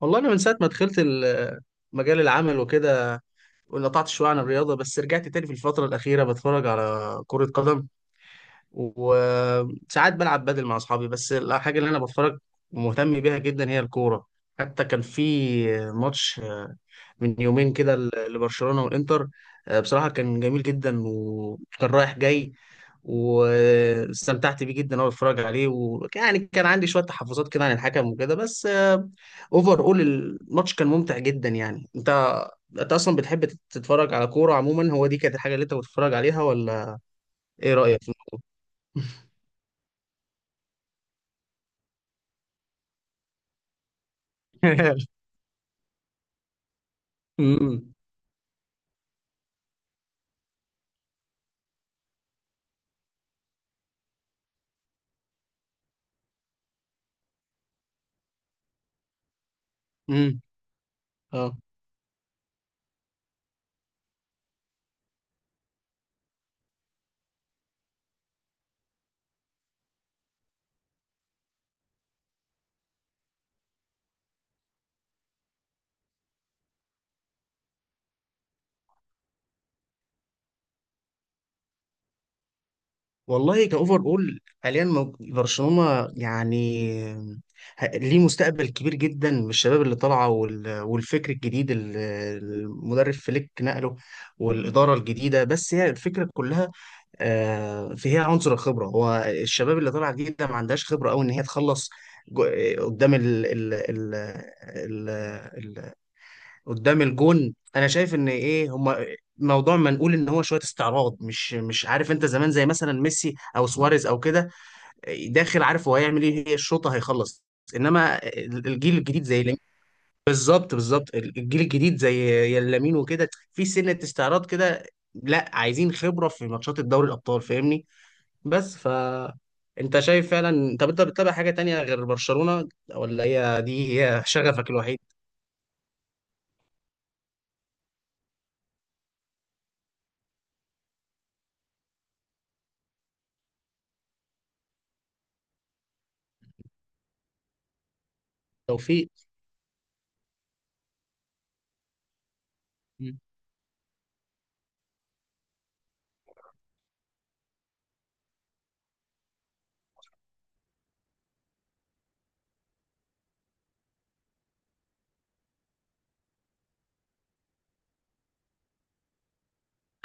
والله انا من ساعه ما دخلت مجال العمل وكده، وانقطعت شويه عن الرياضه، بس رجعت تاني في الفتره الاخيره. بتفرج على كره قدم، وساعات بلعب بدل مع اصحابي. بس الحاجه اللي انا بتفرج ومهتم بيها جدا هي الكوره. حتى كان في ماتش من يومين كده لبرشلونة والإنتر. بصراحة كان جميل جدا وكان رايح جاي، واستمتعت بيه جدا وانا بتفرج عليه. ويعني كان عندي شوية تحفظات كده عن الحكم وكده، بس اوفر اول الماتش كان ممتع جدا. يعني انت، انت اصلا بتحب تتفرج على كورة عموما؟ هو دي كانت الحاجة اللي انت بتتفرج عليها ولا ايه رأيك؟ امم امم. اه، والله كأوفر أول حاليا برشلونة يعني ليه مستقبل كبير جدا من الشباب اللي طالعة، والفكر الجديد اللي المدرب فليك نقله، والإدارة الجديدة. بس هي الفكرة كلها، فيها عنصر الخبرة. هو الشباب اللي طالعة جديدة ما عندهاش خبرة أوي إن هي تخلص جو- قدام ال ال ال ال قدام الجون. انا شايف ان ايه، هما موضوع ما نقول ان هو شويه استعراض، مش عارف، انت زمان زي مثلا ميسي او سواريز او كده، داخل عارف هو هيعمل ايه، هي الشوطه هيخلص. انما الجيل الجديد زي لامين، بالظبط بالظبط الجيل الجديد زي لامين وكده في سنه استعراض كده، لا، عايزين خبره في ماتشات الدوري الابطال، فاهمني؟ بس ف انت شايف فعلا؟ طب انت بتتابع حاجه تانية غير برشلونه، ولا هي دي هي شغفك الوحيد؟ توفيق. مم.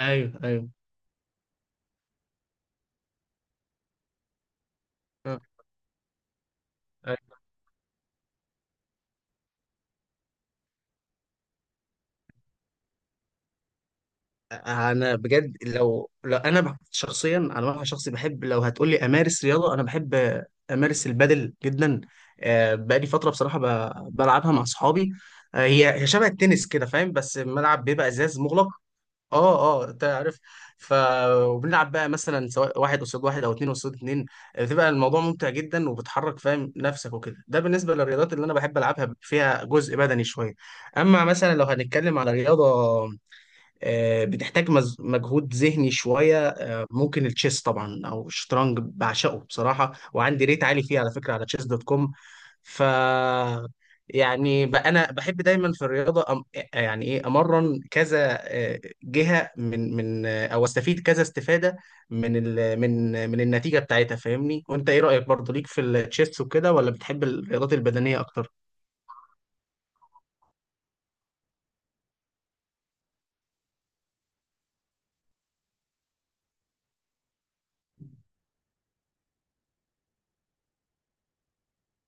ايوه ايوه. انا بجد، لو انا شخصيا على معنى شخصي، بحب لو هتقول لي امارس رياضه، انا بحب امارس البادل جدا. بقالي فتره بصراحه بلعبها مع اصحابي. هي شبه التنس كده، فاهم؟ بس الملعب بيبقى ازاز مغلق. اه، اه، انت عارف. ف وبنلعب بقى مثلا سواء واحد قصاد واحد او اتنين قصاد اتنين. بتبقى الموضوع ممتع جدا، وبتحرك، فاهم، نفسك وكده. ده بالنسبه للرياضات اللي انا بحب العبها، فيها جزء بدني شويه. اما مثلا لو هنتكلم على رياضه بتحتاج مجهود ذهني شوية، ممكن التشيس طبعا، أو الشطرنج بعشقه بصراحة، وعندي ريت عالي فيه على فكرة على تشيس دوت كوم. ف يعني أنا بحب دايما في الرياضة يعني إيه، أمرن كذا جهة من أو أستفيد كذا استفادة من ال من النتيجة بتاعتها، فاهمني؟ وأنت إيه رأيك برضه، ليك في التشيس وكده ولا بتحب الرياضات البدنية أكتر؟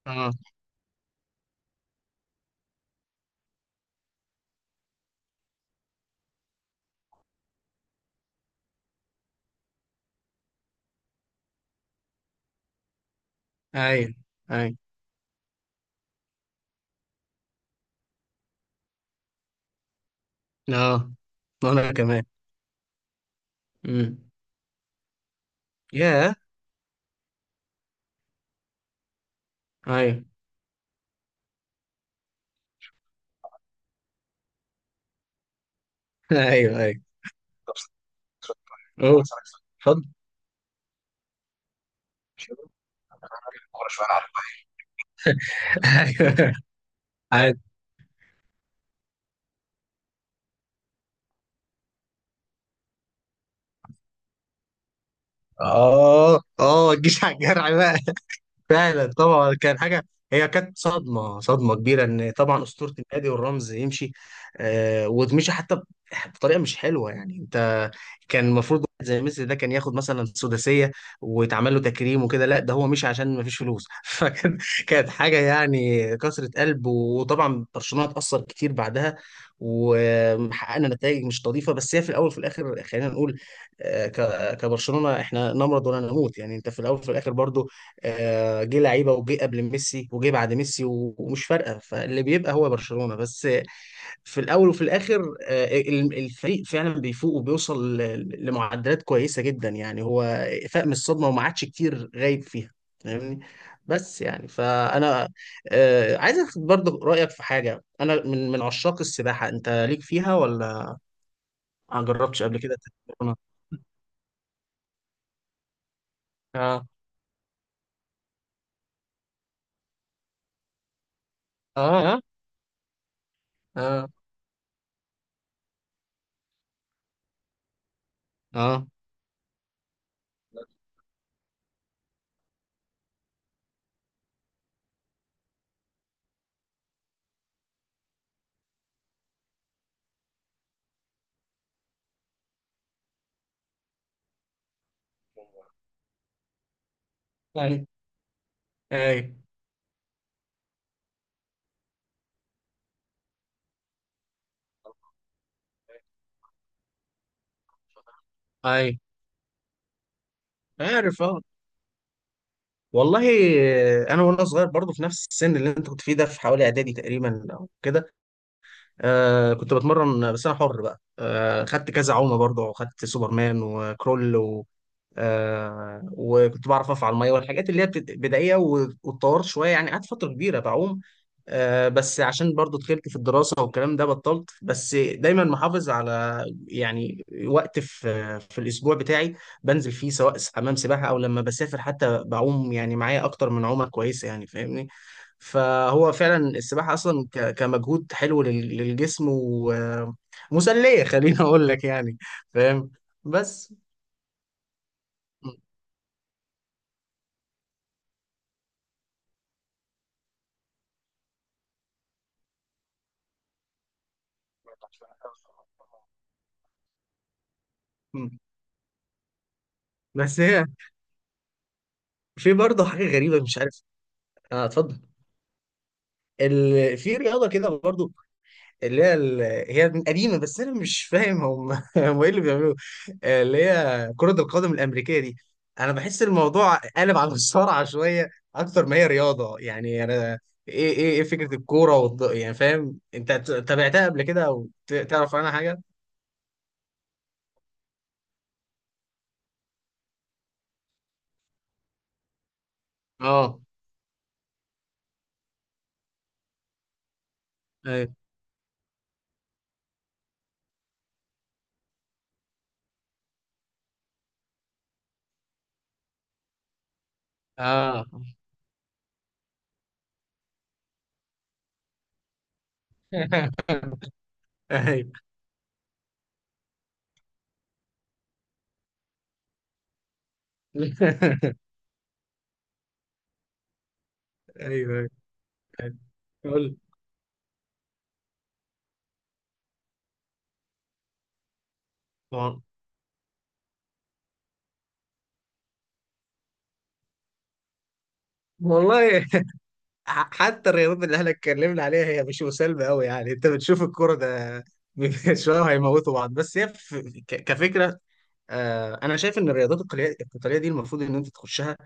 اه، ايوه ايوه. اه، وانا كمان. امم. ياه. ايوه. ايوه ايوه. طب، اوه، اسالك سؤال، اتفضل. مش كده؟ كوره شويه انا عارف. ايوه، عادي. اه، اه، الجيش على الجرح بقى. فعلا طبعا كان حاجه، هي كانت صدمه، صدمه كبيره. ان طبعا اسطوره النادي والرمز يمشي، آه، وتمشي حتى بطريقه مش حلوه، يعني انت، كان المفروض واحد زي ميسي ده كان ياخد مثلا سداسيه، ويتعمل له تكريم وكده. لا، ده هو مشي عشان ما فيش فلوس فكان، كانت حاجه يعني كسرة قلب. وطبعا برشلونه اتاثر كتير بعدها، وحققنا نتائج مش نظيفه. بس هي في الاول وفي الاخر، خلينا نقول آه، كبرشلونه احنا نمرض ولا نموت، يعني انت في الاول وفي الاخر برضو، آه، جه لعيبه وجه قبل ميسي وجه بعد ميسي، ومش فارقه، فاللي بيبقى هو برشلونه بس، آه، في الاول وفي الاخر. آه، الفريق فعلا بيفوق وبيوصل لمعدلات كويسه جدا. يعني هو فاق من الصدمه وما عادش كتير غايب فيها، فاهمني؟ بس يعني فانا آه، عايز اخد برضه رايك في حاجه. انا من من عشاق السباحه، انت ليك فيها ولا ما جربتش قبل كده تتمرنها؟ اه، اه، اه، اه، اه، اي، اي، اي، عارف. اه، والله انا وانا صغير برضو، في نفس السن اللي انت كنت فيه ده، في حوالي اعدادي تقريبا او كده، آه كنت بتمرن. بس انا حر بقى، آه، خدت كذا عومه برضو، خدت سوبرمان وكرول، آه، وكنت بعرف اقف على الميه، والحاجات اللي هي بدائيه. واتطورت شويه يعني، قعدت فتره كبيره بعوم، آه. بس عشان برضو دخلت في الدراسه والكلام ده بطلت. بس دايما محافظ على يعني وقت في في الاسبوع بتاعي بنزل فيه، سواء حمام سباحه او لما بسافر حتى بعوم، يعني معايا اكتر من عومه كويسه يعني، فاهمني؟ فهو فعلا السباحه اصلا كمجهود حلو للجسم، ومسليه، خليني اقول لك يعني. فاهم؟ بس مم. بس هي، في برضه حاجة غريبة مش عارف. اه، اتفضل. في رياضة كده برضه، اللي هي ال... هي قديمة، بس أنا مش فاهم هم هم إيه اللي بيعملوه. آه، اللي هي كرة القدم الأمريكية دي. أنا بحس الموضوع قلب على الصارعة شوية أكتر ما هي رياضة. يعني أنا، إيه إيه فكرة الكورة يعني فاهم، أنت تابعتها قبل كده؟ أو تعرف عنها حاجة؟ اه، ايوه. اه. ايوه. ايوه ايوه، قول. وال- والله حتى الرياضات اللي احنا اتكلمنا عليها هي مش مسالمه قوي يعني، انت بتشوف الكوره ده شويه هيموتوا بعض. بس هي كفكره، آه، انا شايف ان الرياضات القتاليه، القتاليه دي المفروض ان انت تخشها،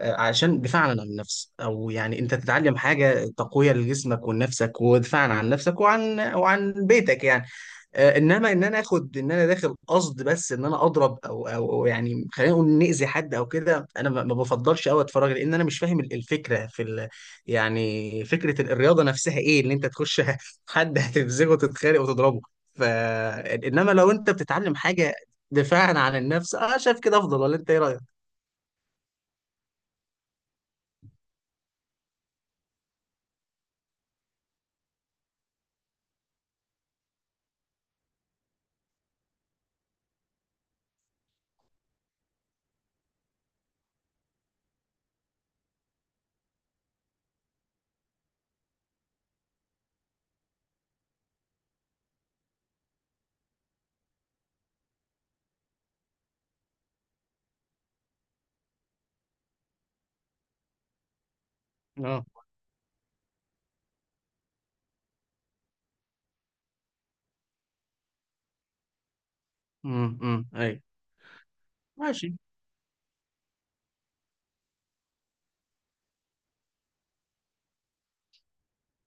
آه، عشان دفاعا عن النفس، او يعني انت تتعلم حاجه تقويه لجسمك ولنفسك، ودفاعا عن نفسك وعن وعن بيتك يعني. آه، انما ان انا اخد ان انا داخل قصد، بس ان انا اضرب او او أو يعني خلينا نقول ناذي حد او كده، انا ما بفضلش قوي اتفرج، لان انا مش فاهم الفكره في يعني فكره الرياضه نفسها ايه، ان انت تخش حد هتفزغه وتتخانق وتضربه. ف انما لو انت بتتعلم حاجه دفاعا عن النفس، اه، شايف كده افضل. ولا انت ايه رايك؟ اه، امم اي. ماشي.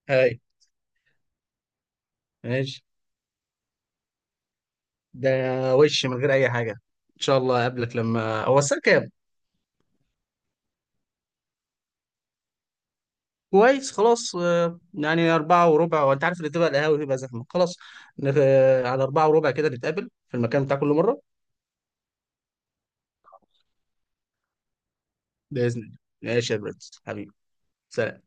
اي، ماشي، ده، وش من غير اي حاجه. ان شاء الله اقابلك. لما هو الساعه كام؟ كويس، خلاص. آه، يعني 4:15، وأنت عارف اللي تبقى القهاوي بيبقى زحمة. خلاص، آه، على 4:15 كده، نتقابل في المكان بتاع كل مرة. بإذن الله. ماشي يا برنس حبيبي. سلام.